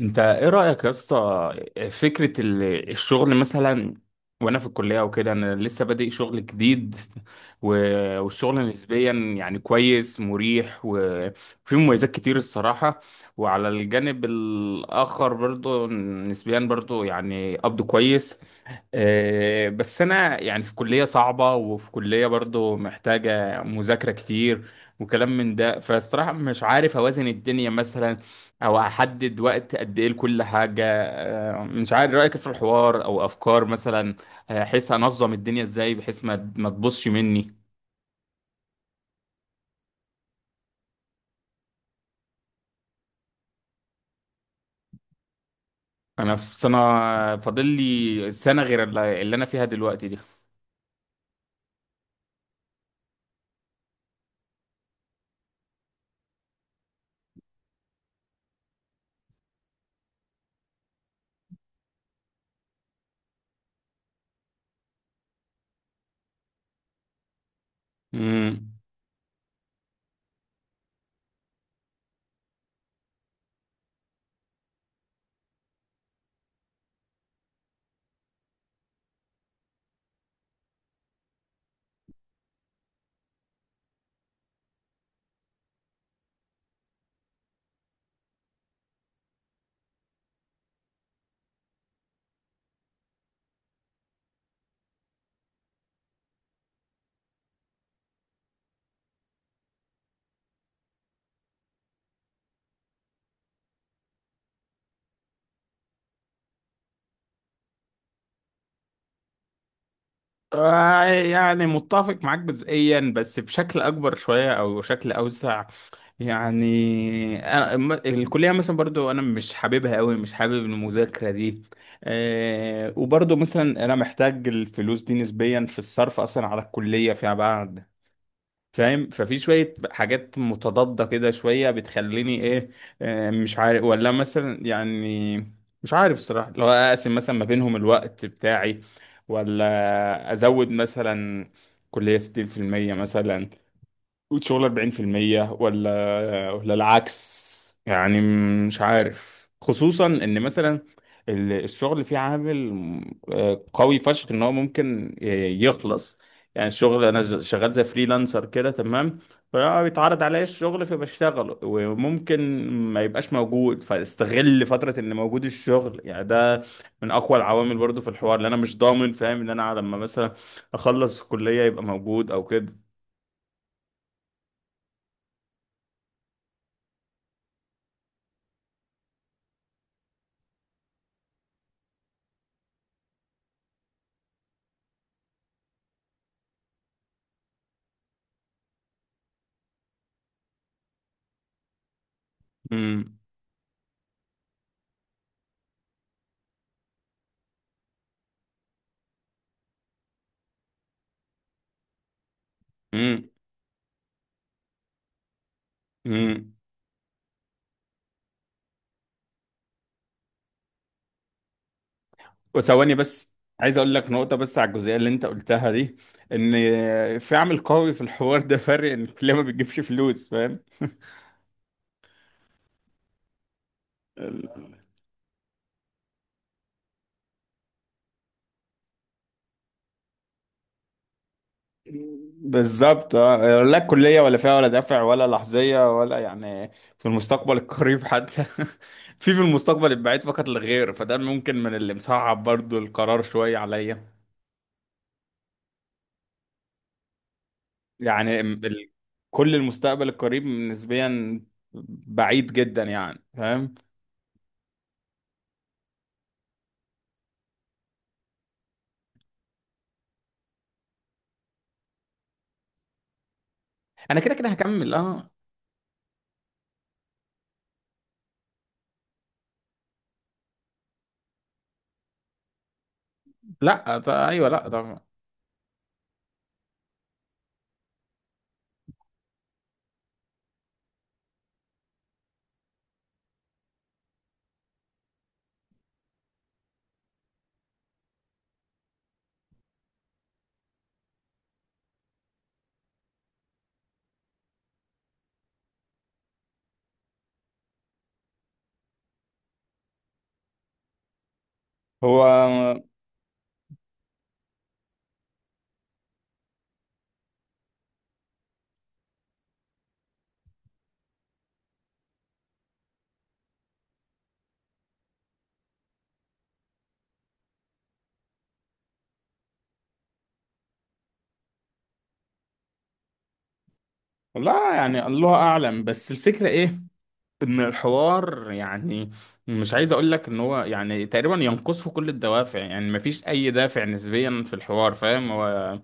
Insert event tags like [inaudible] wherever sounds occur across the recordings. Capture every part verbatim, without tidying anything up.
انت ايه رأيك يا اسطى؟ فكرة ال- الشغل مثلا، وانا في الكلية وكده، انا لسه بادئ شغل جديد. و- والشغل نسبيا يعني كويس، مريح وفيه مميزات كتير الصراحة. وعلى الجانب الآخر برضو، نسبيا برضو يعني قبض كويس. آه، بس انا يعني في كلية صعبة وفي كلية برضو محتاجة مذاكرة كتير وكلام من ده، فالصراحة مش عارف اوازن الدنيا مثلا، او هحدد وقت قد ايه لكل حاجه. آه، مش عارف رايك في الحوار او افكار مثلا. آه، احس انظم الدنيا ازاي بحيث ما ما تبصش مني. انا في سنه، فاضل لي سنه غير اللي اللي انا فيها دلوقتي دي. امم. آه، يعني متفق معاك جزئيا، بس بشكل اكبر شويه او شكل اوسع. يعني أنا م- الكلية مثلا برضو أنا مش حاببها أوي، مش حابب المذاكرة دي. أه، وبرضو مثلا أنا محتاج الفلوس دي نسبيا في الصرف أصلا على الكلية فيما بعد، فاهم؟ ففي شوية حاجات متضادة كده شوية، بتخليني إيه، أه، مش عارف، ولا مثلا يعني مش عارف الصراحة لو أقسم مثلا ما بينهم الوقت بتاعي، ولا أزود مثلا كلية ستين في المية مثلا وتشغل أربعين في المية ولا ولا العكس يعني. مش عارف، خصوصا ان مثلا ال- الشغل فيه عامل آه، قوي فشخ ان هو ممكن آه، يخلص. يعني الشغل انا ز- شغال زي فريلانسر كده، تمام؟ فبيتعرض عليا الشغل فبشتغله وممكن ما يبقاش موجود، فاستغل فترة ان موجود الشغل. يعني ده من اقوى العوامل برضو في الحوار، اللي انا مش ضامن، فاهم، ان انا لما مثلا اخلص الكلية يبقى موجود او كده. امم. امم. وثواني بس، عايز اقول لك نقطة بس على الجزئية اللي انت قلتها دي. ان في عامل قوي في الحوار ده، فرق ان الكلية ما بتجيبش فلوس، فاهم؟ ال- بالظبط آه. لا الكلية ولا فيها ولا دافع ولا لحظية ولا يعني في المستقبل القريب حتى [laughs] في في المستقبل البعيد فقط لا غير. فده ممكن من اللي مصعب برضو القرار شوية عليا. يعني ال- كل المستقبل القريب نسبيا بعيد جدا، يعني فاهم. انا كده كده هكمل، اه. لا ده ايوه، لا ده هو لا. يعني الله اعلم، بس الفكره ايه، ان الحوار يعني، مش عايز اقول لك ان هو يعني تقريبا ينقصه كل الدوافع. يعني مفيش اي دافع نسبيا في الحوار، فاهم؟ هو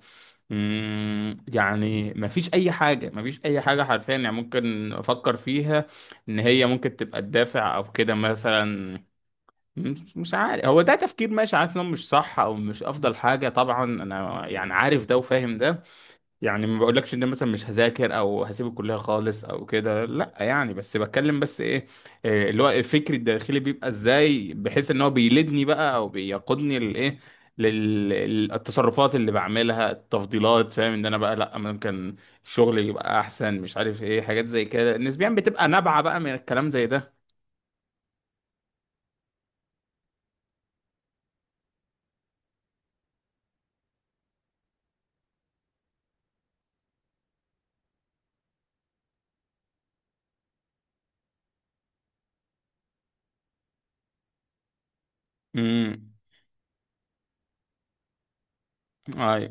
مم، يعني مفيش اي حاجه، مفيش اي حاجه حرفيا يعني ممكن افكر فيها ان هي ممكن تبقى الدافع او كده مثلا. مش مش عارف، هو ده تفكير ماشي، عارف انه مش صح او مش افضل حاجه طبعا، انا يعني عارف ده وفاهم ده. يعني ما بقولكش ان أنا مثلا مش هذاكر او هسيب الكليه خالص او كده، لا يعني، بس بتكلم بس ايه، إيه اللي هو الفكر الداخلي بيبقى ازاي، بحيث ان هو بيلدني بقى او بيقودني للايه، للتصرفات اللي بعملها، التفضيلات. فاهم ان انا بقى، لا ممكن الشغل يبقى احسن، مش عارف ايه حاجات زي كده، نسبيا بتبقى نابعه بقى من الكلام زي ده. امم. اي.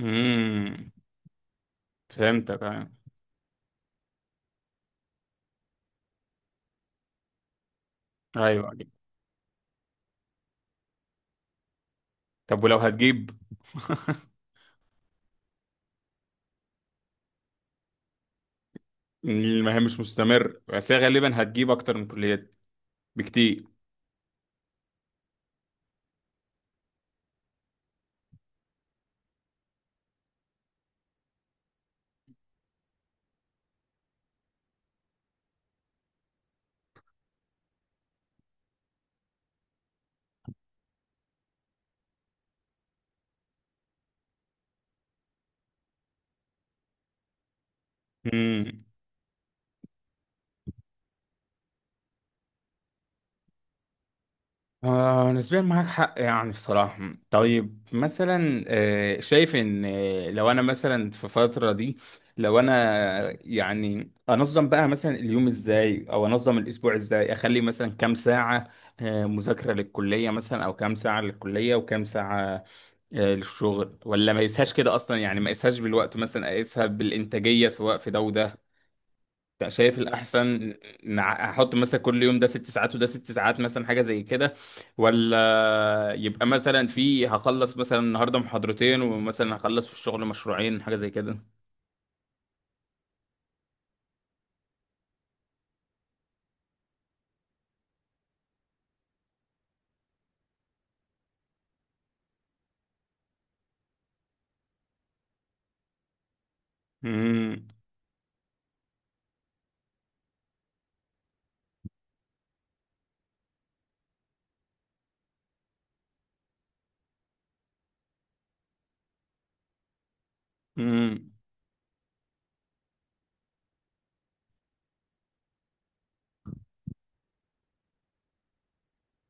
امم. فهمتك. ايوه. ايوه. طب ولو هتجيب [laughs] المهام مش مستمر، بس هي غالبا هتجيب اكتر من كليات بكتير. امم. آه، نسبيا معاك حق يعني الصراحة. طيب مثلا آه، شايف ان آه، لو انا مثلا في فترة دي، لو انا يعني انظم بقى مثلا اليوم ازاي، او انظم الاسبوع ازاي، اخلي مثلا كام ساعة آه مذاكرة للكلية مثلا، او كام ساعة للكلية وكام ساعة آه، للشغل، ولا ما يقيسهاش كده اصلا. يعني ما يقيسهاش بالوقت مثلا، اقيسها بالانتاجية سواء في ده وده. كان شايف الأحسن إن ع- أحط مثلا كل يوم ده ست ساعات وده ست ساعات مثلا، حاجة زي كده، ولا يبقى مثلا في هخلص مثلا النهاردة محاضرتين، ومثلا هخلص في الشغل مشروعين، حاجة زي كده. امم. امم.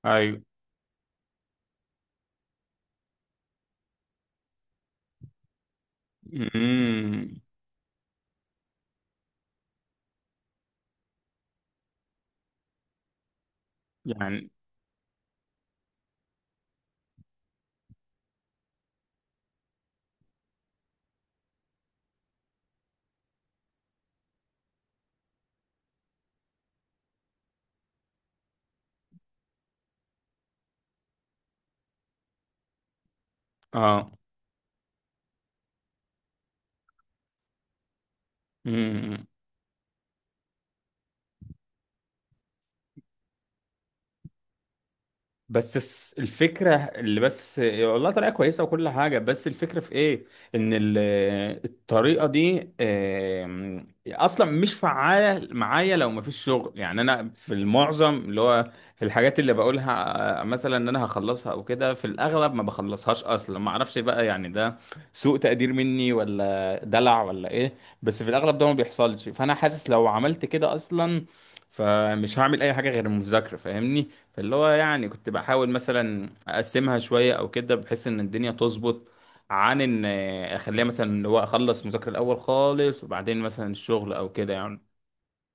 ايوه. امم. يعني اه. امم. بس الس- الفكرة، اللي بس والله طريقة كويسة وكل حاجة، بس الفكرة في ايه، ان ال- الطريقة دي آم، اصلا مش فعالة معايا لو مفيش شغل. يعني انا في المعظم اللي هو الحاجات اللي بقولها آه، مثلا ان انا هخلصها او كده، في الاغلب ما بخلصهاش اصلا. ما اعرفش بقى يعني ده سوء تقدير مني ولا دلع ولا ايه، بس في الاغلب ده ما بيحصلش. فانا حاسس لو عملت كده اصلا، فمش هعمل اي حاجة غير المذاكرة، فاهمني. فاللي هو يعني كنت بحاول مثلا اقسمها شويه او كده، بحيث ان الدنيا تظبط، عن ان اخليها مثلا اللي هو اخلص مذاكره الاول خالص وبعدين مثلا الشغل او كده يعني.